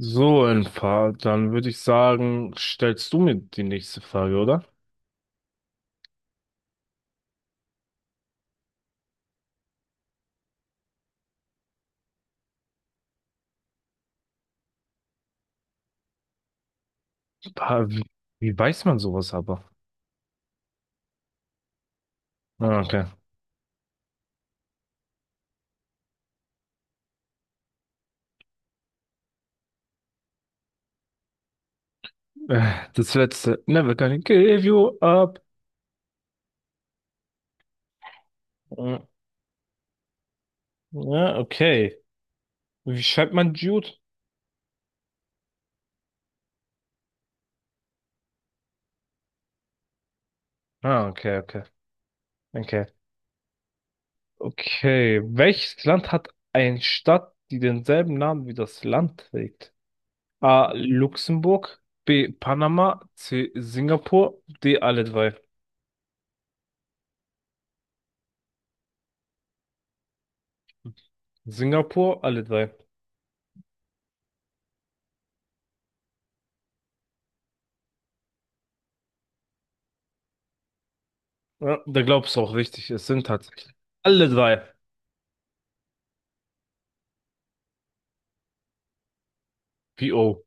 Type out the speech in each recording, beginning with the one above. So, ein paar, dann würde ich sagen, stellst du mir die nächste Frage, oder? Pa- Wie, wie weiß man sowas aber? Ah, okay. Das letzte. Never gonna give you up. Mm, ja, okay. Wie schreibt man Jude? Ah, okay, okay. Okay. Okay, welches Land hat eine Stadt, die denselben Namen wie das Land trägt? A. Luxemburg, B. Panama, C. Singapur, D. Alle drei. Singapur, alle drei. Ja, da glaubst du auch richtig, es sind tatsächlich alle drei. PO.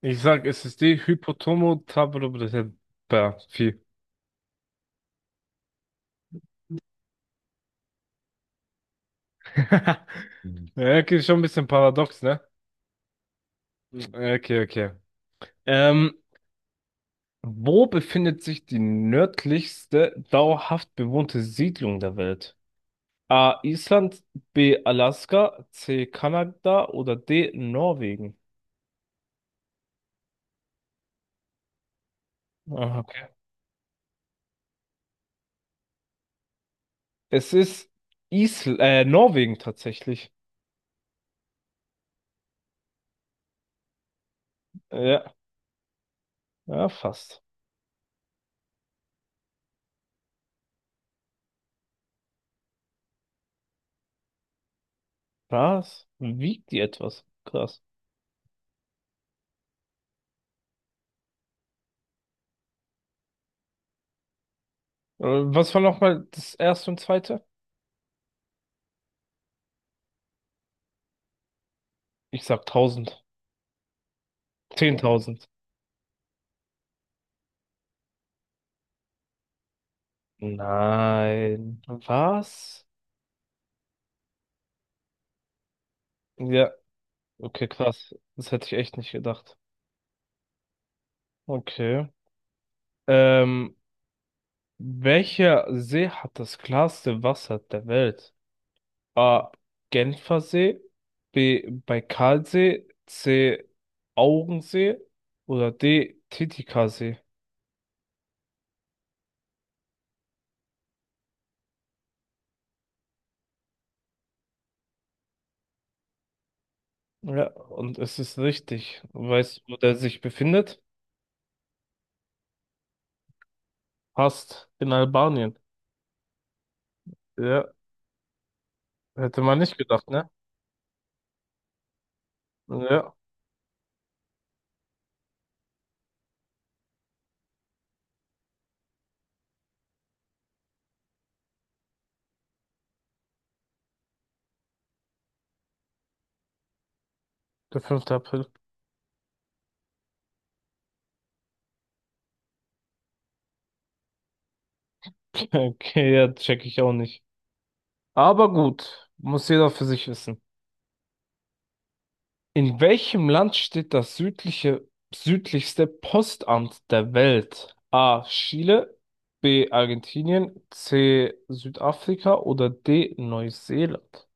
Ich sag, es ist die Hypotomo Tabrobrepapie. Mhm. Ja, okay, schon ein bisschen paradox, ne? Okay, okay. Ähm, Wo befindet sich die nördlichste dauerhaft bewohnte Siedlung der Welt? A. Island, B. Alaska, C. Kanada oder D. Norwegen? Ah, okay. Es ist Isl Norwegen tatsächlich. Ja, ja, fast. Was? Wiegt die etwas? Krass. Was war nochmal das erste und zweite? Ich sag 1000. 10.000. Nein. Was? Ja, okay, krass. Das hätte ich echt nicht gedacht. Okay. Ähm, welcher See hat das klarste Wasser der Welt? A. Genfer See, B. Baikalsee, C. Augensee oder D. Titicacasee. Ja, und es ist richtig. Weißt du, wo der sich befindet? Passt, in Albanien. Ja, hätte man nicht gedacht, ne? Ja, der 5. April. Okay, ja, check ich auch nicht. Aber gut, muss jeder für sich wissen. In welchem Land steht das südlichste Postamt der Welt? A. Chile, B. Argentinien, C. Südafrika oder D. Neuseeland?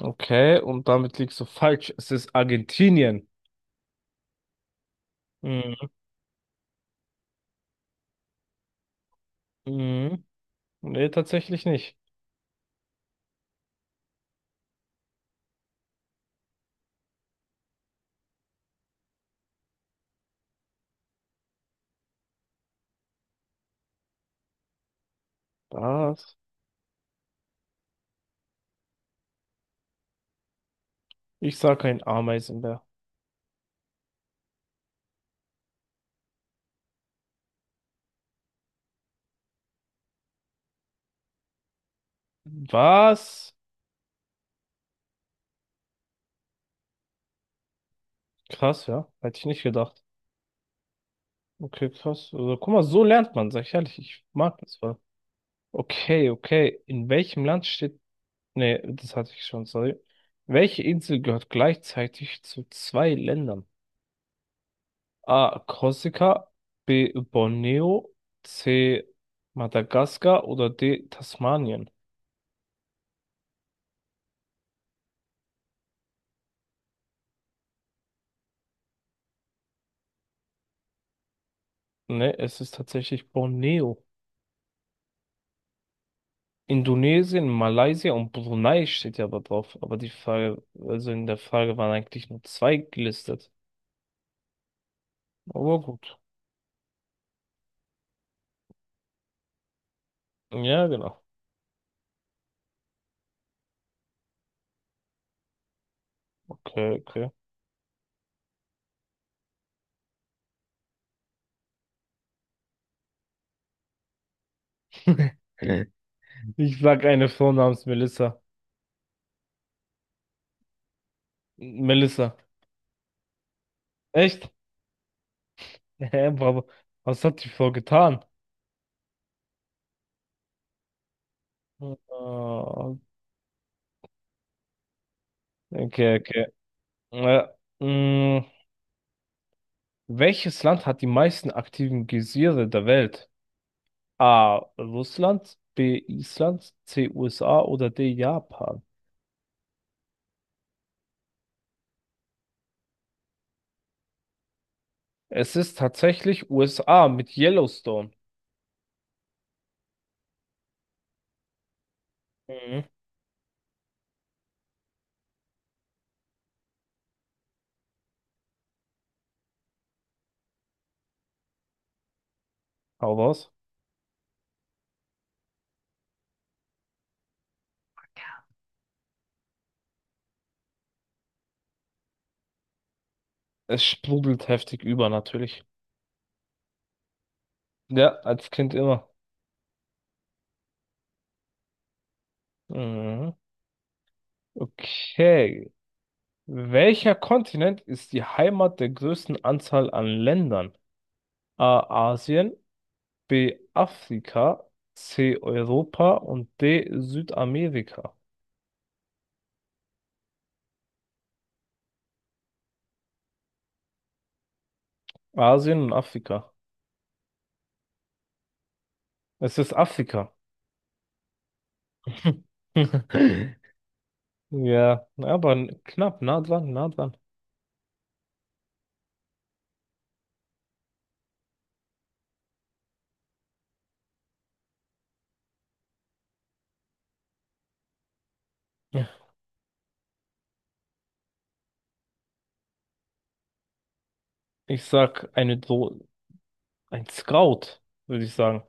Okay, und damit liegst du falsch. Es ist Argentinien. Mhm. Mhm. Nee, tatsächlich nicht. Was? Ich sag ein Ameisenbär. Was? Krass, ja. Hätte ich nicht gedacht. Okay, krass. Also, guck mal, so lernt man, sag ich ehrlich. Ich mag das voll. Okay, okay. In welchem Land steht Nee, das hatte ich schon, sorry. Welche Insel gehört gleichzeitig zu zwei Ländern? A. Korsika, B. Borneo, C. Madagaskar oder D. Tasmanien? Ne, es ist tatsächlich Borneo. Indonesien, Malaysia und Brunei steht ja aber drauf. Aber die Frage, also in der Frage waren eigentlich nur zwei gelistet. Aber gut. Ja, genau. Okay, okay. Ich sag eine Frau namens Melissa. Melissa. Echt? Hä, aber was hat die Frau getan? Ah, okay, okay. Äh, mh, welches Land hat die meisten aktiven Geysire der Welt? A. Russland, B. Island, C. USA oder D. Japan? Es ist tatsächlich USA mit Yellowstone. Mhm. Hau raus. Es sprudelt heftig über, natürlich. Ja, als Kind immer. Mhm. Okay. Welcher Kontinent ist die Heimat der größten Anzahl an Ländern? A Asien, B Afrika, C Europa und D Südamerika. Asien und Afrika. Es ist Afrika. Ja, aber n- knapp, nah dran, nah dran. Ja. Ich sag ein Scout, würde ich sagen.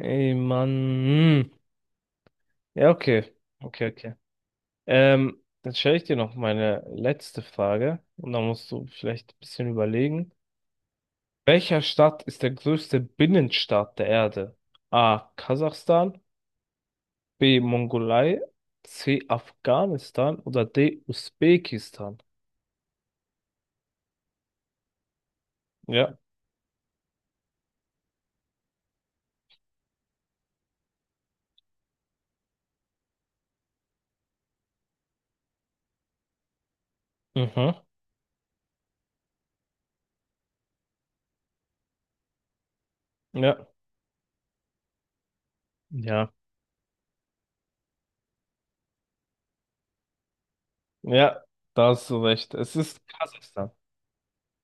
Ey, Mann. Hm. Ja, okay. Okay, okay. Dann stelle ich dir noch meine letzte Frage und dann musst du vielleicht ein bisschen überlegen. Welcher Staat ist der größte Binnenstaat der Erde? A. Kasachstan, B. Mongolei, C. Afghanistan oder D. Usbekistan? Ja, mhm, ja, ja, ja, da hast du recht. Es ist Kasachstan.